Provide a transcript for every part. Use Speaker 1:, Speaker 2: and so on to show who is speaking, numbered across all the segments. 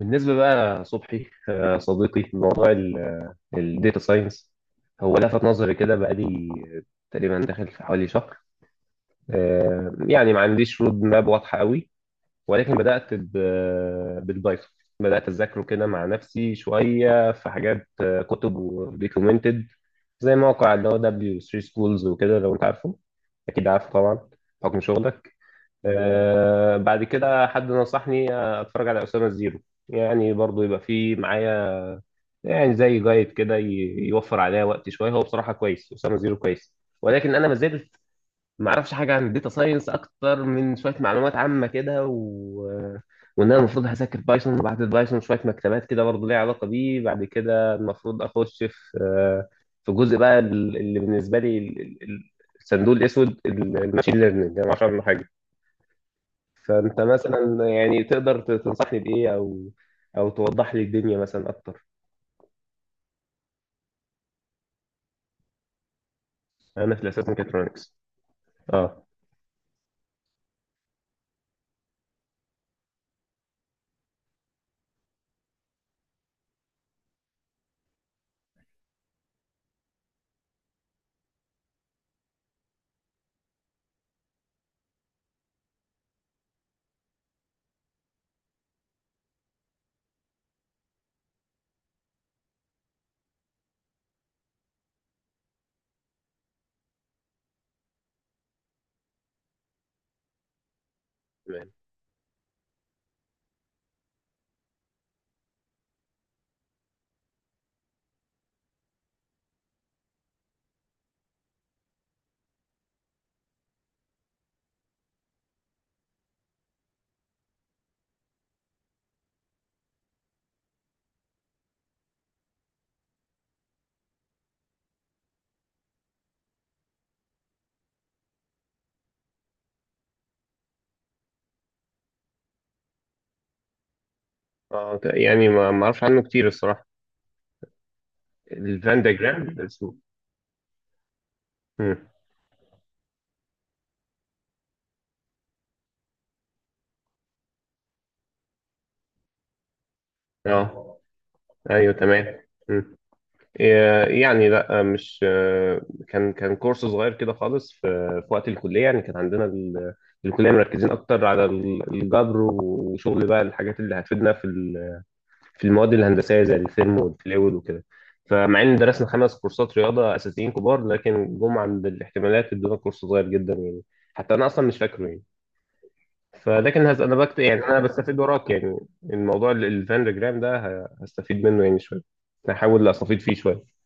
Speaker 1: بالنسبة بقى صبحي، صديقي موضوع الداتا ساينس هو لفت نظري كده بقالي تقريبا داخل في حوالي شهر. يعني ما عنديش رود ماب واضحة قوي، ولكن بدأت بالبايثون. بدأت أذاكره كده مع نفسي شوية في حاجات، كتب ودوكيومنتد، زي موقع اللي هو دبليو 3 سكولز وكده، لو أنت عارفه. أكيد عارفه طبعا بحكم شغلك. بعد كده حد نصحني اتفرج على اسامه الزيرو. يعني برضو يبقى في معايا، يعني زي جايد كده، يوفر عليا وقت شويه. هو بصراحه كويس، اسامه زيرو كويس. ولكن انا ما زلت ما اعرفش حاجه عن الداتا ساينس اكتر من شويه معلومات عامه كده وان انا المفروض هذاكر بايثون، وبعد البايثون شويه مكتبات كده برضو ليها علاقه بيه، بعد كده المفروض اخش في جزء بقى اللي بالنسبه لي الصندوق الاسود، الماشين ليرنينج انا ما اعرفش عنه حاجه. فانت مثلا يعني تقدر تنصحني بايه، او توضح لي الدنيا مثلا اكتر؟ انا في الاساس ميكاترونكس. اه تمام. اه يعني ما اعرفش عنه كتير الصراحه. الفان دياجرام الرسوم. مم. اه ايوه تمام. مم. إيه، يعني لا، مش كان كورس صغير كده خالص في وقت الكليه. يعني كان عندنا الكليه مركزين اكتر على الجبر، وشغل بقى الحاجات اللي هتفيدنا في في المواد الهندسيه زي الفيلم والفلويد وكده. فمع ان درسنا خمس كورسات رياضه اساسيين كبار، لكن جم عند الاحتمالات ادونا كورس صغير جدا يعني، حتى انا اصلا مش فاكره يعني. فلكن هز انا بكت يعني، انا بستفيد وراك، يعني الموضوع الفاندجرام ده هستفيد منه يعني شويه، هحاول استفيد فيه شويه.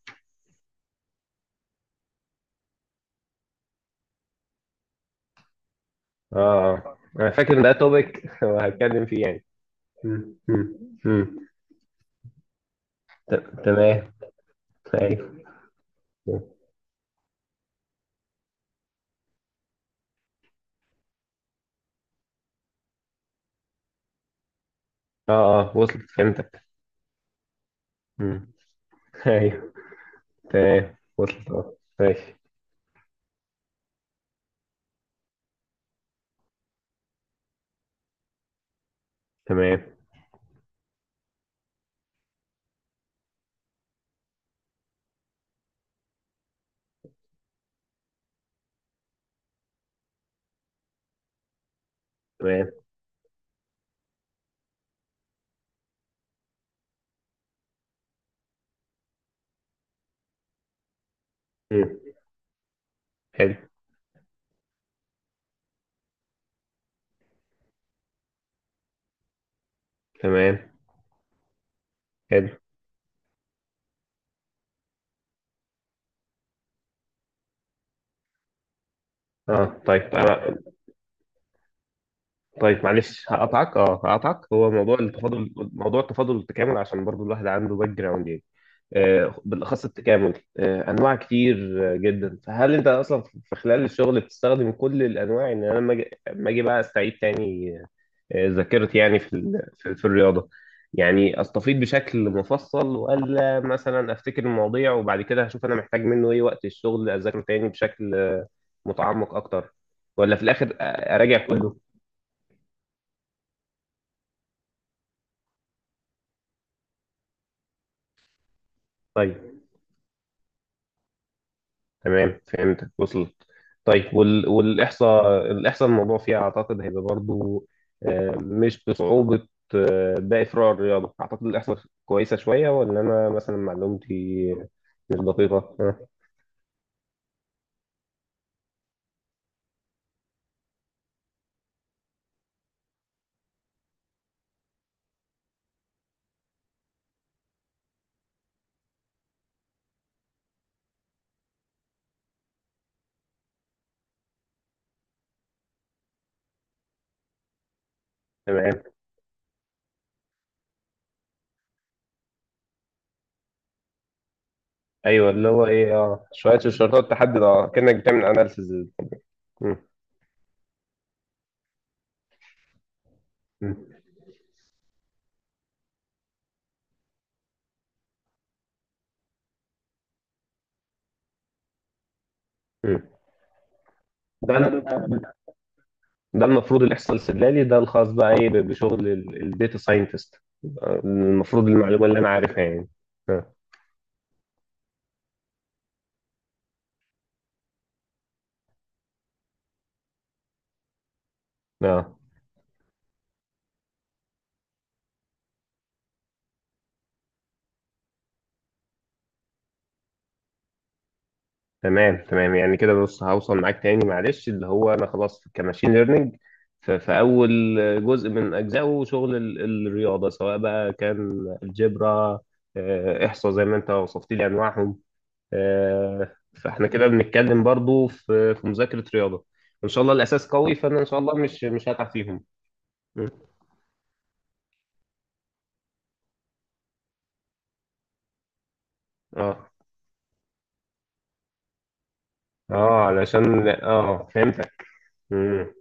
Speaker 1: اه. انا فاكر ان ده توبيك وهتكلم فيه يعني. مم. مم. مم. ت- تمام. ايوه اه اه وصلت فهمتك. مم. ايوه تمام وصلت اه ماشي. تمام تمام. مم. حلو. تمام. حلو. اه طيب طيب معلش هقطعك. هو موضوع التفاضل والتكامل، عشان برضو الواحد عنده باك جراوند يعني. بالاخص التكامل. انواع كتير، جدا. فهل انت اصلا في خلال الشغل بتستخدم كل الانواع، ان انا لما أجي بقى استعيد تاني ذاكرتي، يعني في ال... في في الرياضه؟ يعني استفيض بشكل مفصل، ولا مثلا افتكر المواضيع وبعد كده هشوف انا محتاج منه ايه وقت الشغل اذاكره تاني بشكل متعمق اكتر، ولا في الاخر اراجع كله؟ طيب تمام فهمت وصلت. طيب والاحصاء الموضوع فيها اعتقد هيبقى برضو مش بصعوبه باقي فروع الرياضه. اعتقد الاحصاء كويسه شويه، ولا انا مثلا معلومتي مش دقيقه. تمام. ايوه اللي هو ايه، اه شويه شرطات تحدد، اه كانك بتعمل اناليسز. ده أنا- ده المفروض اللي يحصل سلالي، ده الخاص بقى ايه بشغل الداتا ساينتست، المفروض المعلومه اللي انا عارفها يعني. اه آه. تمام تمام. يعني كده بص هوصل معاك تاني معلش، اللي هو انا خلاص كماشين ليرنينج، في اول جزء من اجزائه شغل الرياضه، سواء بقى كان الجبرا، احصاء زي ما انت وصفت لي انواعهم. آه، فاحنا كده بنتكلم برضو في مذاكره رياضه، ان شاء الله الاساس قوي، فانا ان شاء الله مش هقع فيهم. م. اه اه علشان اه فهمتك. مم.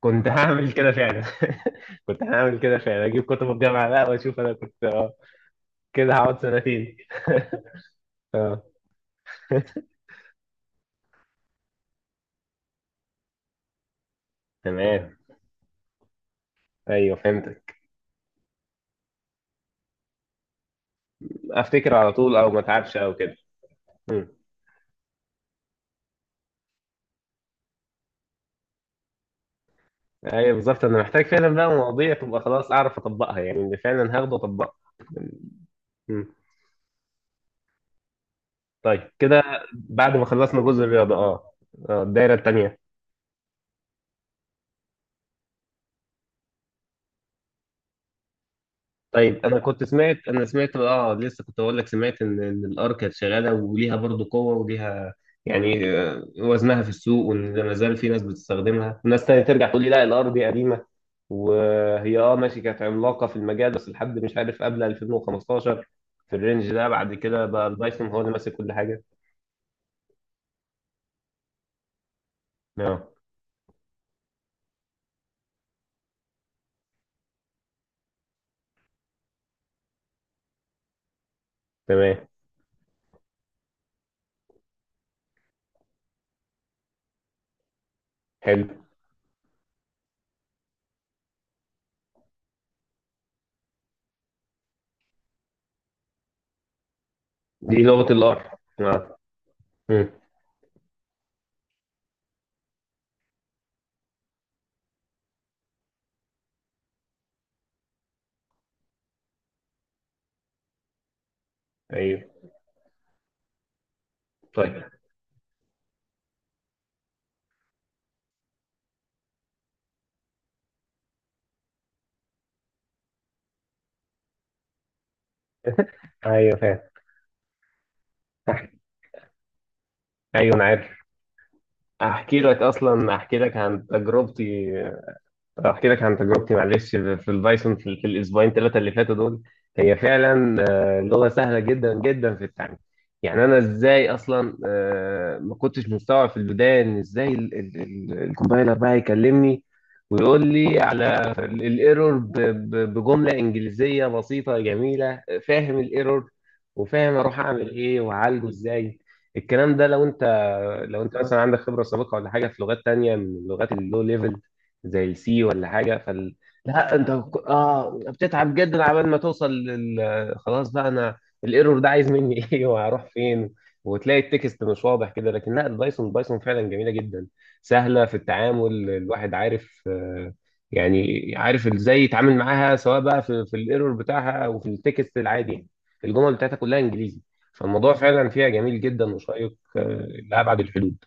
Speaker 1: كنت هعمل كده فعلا. كنت هعمل كده فعلا، اجيب كتب الجامعه بقى واشوف انا كنت كده هقعد سنتين. اه تمام ايوه فهمتك. افتكر على طول او ما اتعبش او كده. مم. ايوه بالظبط، انا محتاج فعلا بقى مواضيع تبقى خلاص اعرف اطبقها، يعني اللي فعلا هاخده اطبقها. مم. طيب كده. بعد ما خلصنا جزء الرياضه اه الدايره التانيه. طيب انا سمعت لسه كنت اقول لك سمعت ان الار كانت شغاله وليها برضو قوه وليها يعني وزنها في السوق، وان ما زال في ناس بتستخدمها وناس تانية ترجع تقول لي لا الار دي قديمه. وهي اه ماشي كانت عملاقه في المجال، بس لحد مش عارف قبل 2015، في الرينج ده بعد كده بقى البايثون هو اللي ماسك كل حاجه. اه تمام. حلو. دي لغه الار. اه. مم. ايوه. طيب. ايوه فاهم. ايوه انا عارف. احكي لك عن تجربتي مع الريسك في البايثون في الاسبوعين ثلاثه اللي فاتوا دول. هي فعلا لغه سهله جدا جدا في التعلم. يعني انا ازاي اصلا ما كنتش مستوعب في البدايه ان ازاي الكومبايلر بقى يكلمني ويقول لي على الايرور بجمله انجليزيه بسيطه جميله، فاهم الايرور وفاهم اروح اعمل ايه واعالجه ازاي. الكلام ده لو انت مثلا عندك خبره سابقه ولا حاجه في لغات تانية من اللغات اللو ليفل زي السي ولا حاجه لا انت بتتعب جدا عبال ما توصل خلاص بقى انا الايرور ده عايز مني ايه وهروح فين. وتلاقي التكست مش واضح كده. لكن لا، بايثون فعلا جميله جدا، سهله في التعامل. الواحد عارف يعني عارف ازاي يتعامل معاها، سواء بقى في الايرور بتاعها او في التكست العادي، يعني الجمل بتاعتها كلها انجليزي. فالموضوع فعلا فيها جميل جدا وشيق لابعد الحدود.